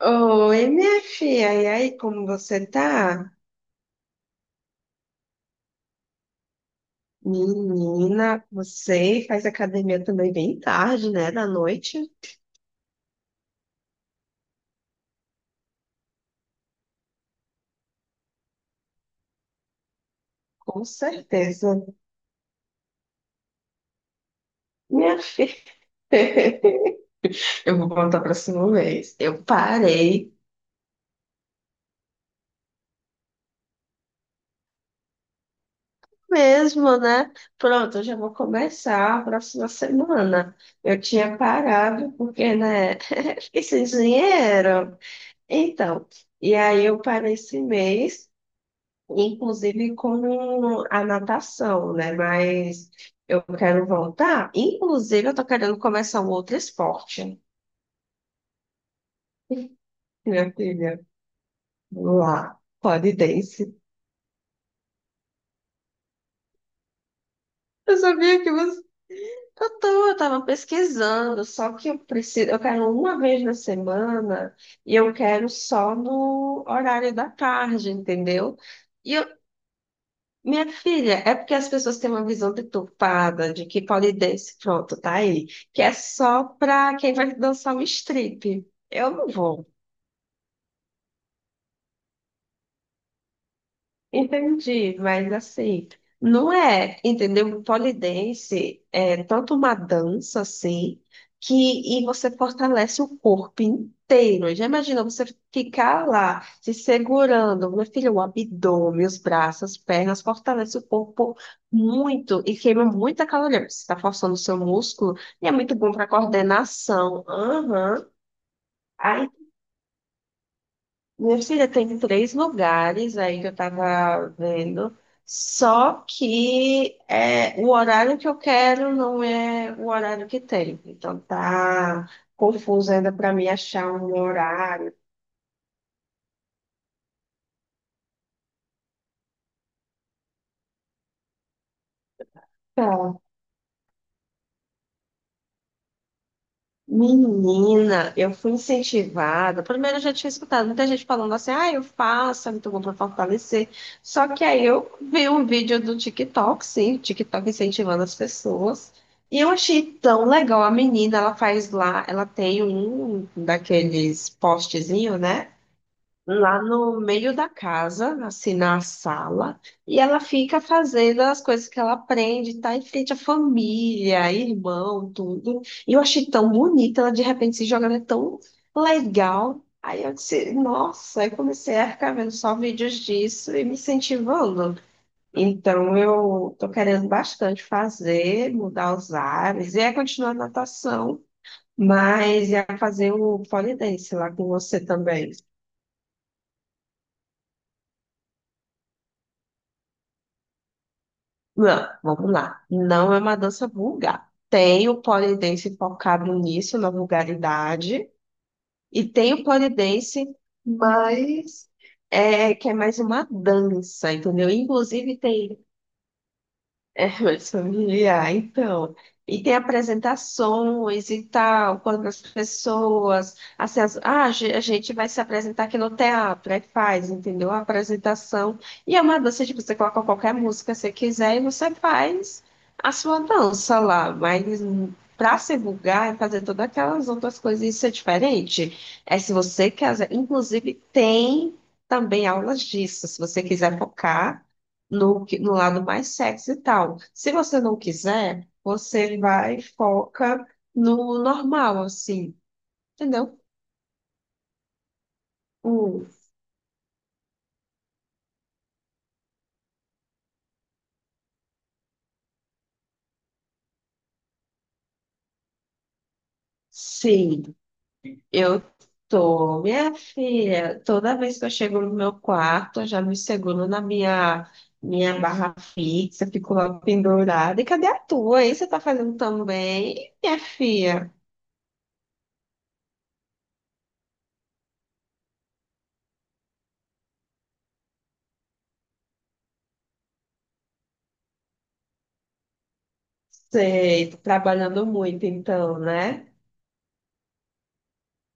Oi, minha filha. E aí, como você tá? Menina, você faz academia também bem tarde, né? Da noite? Com certeza. Minha filha, eu vou contar a próxima vez. Eu parei mesmo, né? Pronto, eu já vou começar a próxima semana. Eu tinha parado porque, né? Fiquei sem dinheiro. Então, e aí eu parei esse mês, inclusive com a natação, né? Mas eu quero voltar. Inclusive, eu tô querendo começar um outro esporte, minha filha. Lá, pole dance. Eu sabia que você. Eu tava pesquisando, só que eu quero uma vez na semana e eu quero só no horário da tarde, entendeu? E eu, Minha filha, é porque as pessoas têm uma visão deturpada de que pole dance, pronto, tá aí, que é só pra quem vai dançar um strip. Eu não vou. Entendi, mas assim, não é, entendeu? Um Polidense é tanto uma dança assim, que e você fortalece o corpo inteiro. Já imagina você ficar lá se segurando, meu filho, o abdômen, os braços, as pernas, fortalece o corpo muito e queima muita caloria, porque você está forçando o seu músculo e é muito bom para coordenação. Aham. Minha filha tem três lugares aí que eu tava vendo, só que é, o horário que eu quero não é o horário que tem. Então tá confuso ainda para mim achar um horário. Tá. Menina, eu fui incentivada. Primeiro, eu já tinha escutado muita gente falando assim: ah, eu faço, é muito bom para fortalecer. Só que aí eu vi um vídeo do TikTok, sim, TikTok incentivando as pessoas. E eu achei tão legal. A menina, ela faz lá, ela tem um daqueles postezinho, né? Lá no meio da casa, assim na sala, e ela fica fazendo as coisas que ela aprende, tá em frente à família, irmão, tudo. E eu achei tão bonita, ela de repente se jogando, é tão legal. Aí eu disse, nossa, aí comecei a ficar vendo só vídeos disso e me incentivando. Então eu tô querendo bastante fazer, mudar os ares, e é continuar a natação, mas ia fazer o pole dance lá com você também. Não, vamos lá. Não é uma dança vulgar. Tem o polidense focado nisso, na vulgaridade, e tem o polidense mais é, que é mais uma dança, entendeu? Inclusive tem mas familiar, então. E tem apresentações e tal, quando as pessoas. Assim, ah, a gente vai se apresentar aqui no teatro, aí faz, entendeu? A apresentação. E é uma dança, tipo, você coloca qualquer música que você quiser e você faz a sua dança lá. Mas para se vulgar, é fazer todas aquelas outras coisas, isso é diferente. É se você quiser. Inclusive, tem também aulas disso, se você quiser focar no lado mais sexy e tal. Se você não quiser, você vai e foca no normal, assim, entendeu? Uh, sim, eu tô, minha filha, toda vez que eu chego no meu quarto, eu já me seguro na minha barra fixa, fico lá pendurada. E cadê a tua? Aí você tá fazendo também, minha filha? Sei, tô trabalhando muito então, né?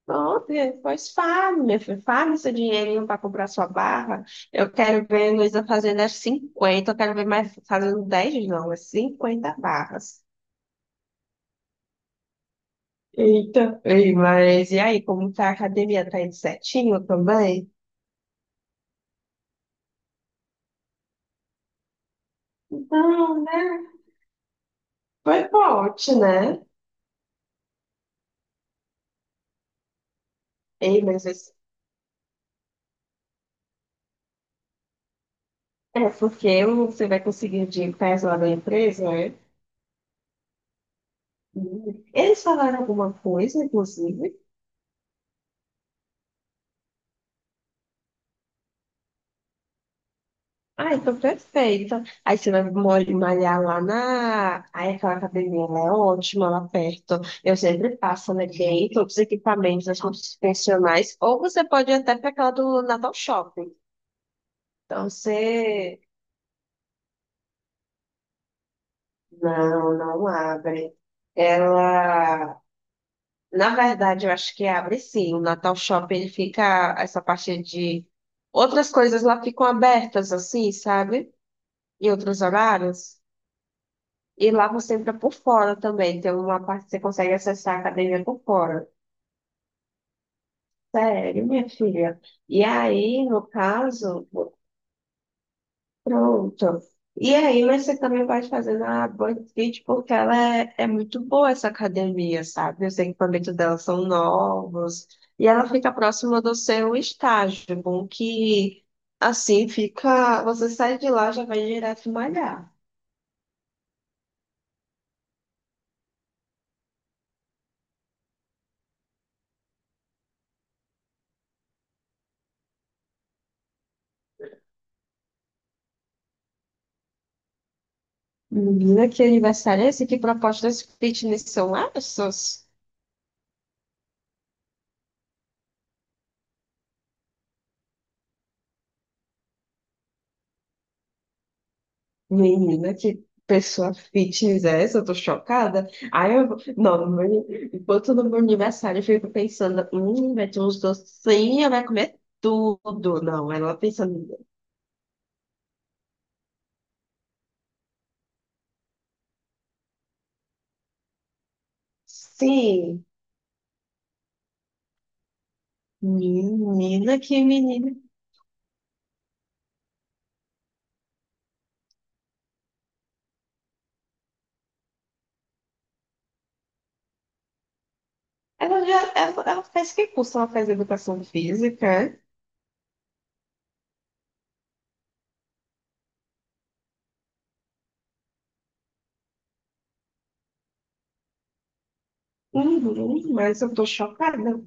Pronto, pois fale, minha filha, fale seu dinheirinho para comprar sua barra. Eu quero ver Luísa fazendo as 50, eu quero ver mais fazendo 10 não, as 50 barras. Eita, ei, mas e aí, como tá a academia? Tá indo certinho também? Não, né? Foi forte, né? Ei, mas esse- é porque você vai conseguir de pés lá na empresa, né? Eles falaram alguma coisa, inclusive? Ah, então perfeito. Aí você vai malhar lá na. Aí aquela academia, ela é ótima lá perto. Eu sempre passo, né? Tem todos os equipamentos, as coisas funcionais. Ou você pode ir até para aquela do Natal Shopping. Então você. Não, não abre. Ela. Na verdade, eu acho que abre sim. O Natal Shopping, ele fica. Essa parte de. Outras coisas lá ficam abertas, assim, sabe? Em outros horários. E lá você entra por fora também. Tem uma parte que você consegue acessar a academia por fora. Sério, minha filha. E aí, no caso, pronto. E aí, mas você também vai fazendo a Band Fit porque ela é muito boa essa academia, sabe? Os equipamentos dela são novos. E ela fica próxima do seu estágio. Bom que assim fica. Você sai de lá já vai direto malhar. Menina, que aniversário é esse? Que propostas fitness são essas? Menina, que pessoa fitness é essa? Eu tô chocada. Aí eu, não, no meu- enquanto no meu aniversário eu fico pensando, vai ter uns docinhos, vai comer tudo. Não, ela pensando, sim, menina, que menina. Ela faz que curso? Ela faz educação física, é? Uhum, mas eu tô chocada.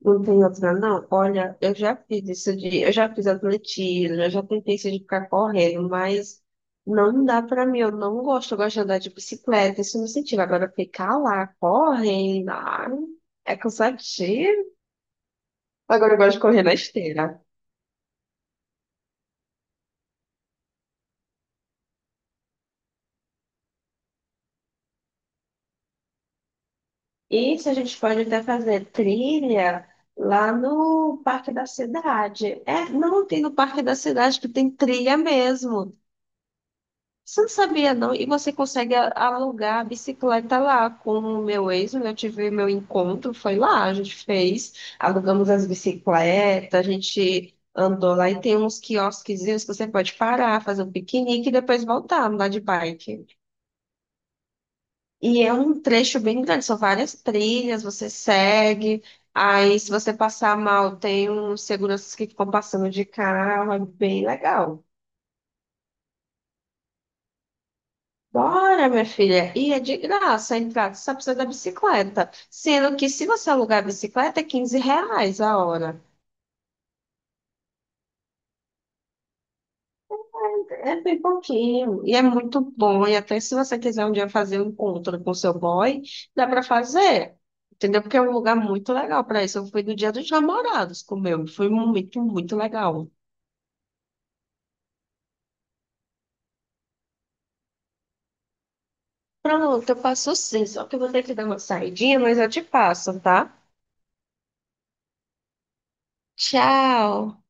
Não tem outra, não. Olha, eu já fiz isso de, eu já fiz atletismo, eu já tentei isso de ficar correndo, mas não dá pra mim, eu não gosto, eu gosto de andar de bicicleta, isso me incentiva. Agora ficar lá correndo, ai, é cansativo. Agora eu gosto de correr na esteira. Isso a gente pode até fazer trilha lá no Parque da Cidade. É, não tem no Parque da Cidade que tem trilha mesmo. Você não sabia, não? E você consegue alugar a bicicleta lá com o meu ex, eu tive meu encontro, foi lá, a gente fez, alugamos as bicicletas, a gente andou lá e tem uns quiosquezinhos que você pode parar, fazer um piquenique e depois voltar, andar de bike. E é um trecho bem grande, são várias trilhas, você segue, aí se você passar mal, tem uns seguranças que ficam passando de carro, é bem legal. Bora, minha filha. E é de graça a entrada, só precisa da bicicleta. Sendo que se você alugar a bicicleta, é R$ 15 a hora. É bem pouquinho. E é muito bom. E até se você quiser um dia fazer um encontro com seu boy, dá para fazer. Entendeu? Porque é um lugar muito legal para isso. Eu fui no Dia dos Namorados com o meu. Foi muito, muito legal. Pronto, eu passo sim. Só que eu vou ter que dar uma saidinha, mas eu te passo, tá? Tchau.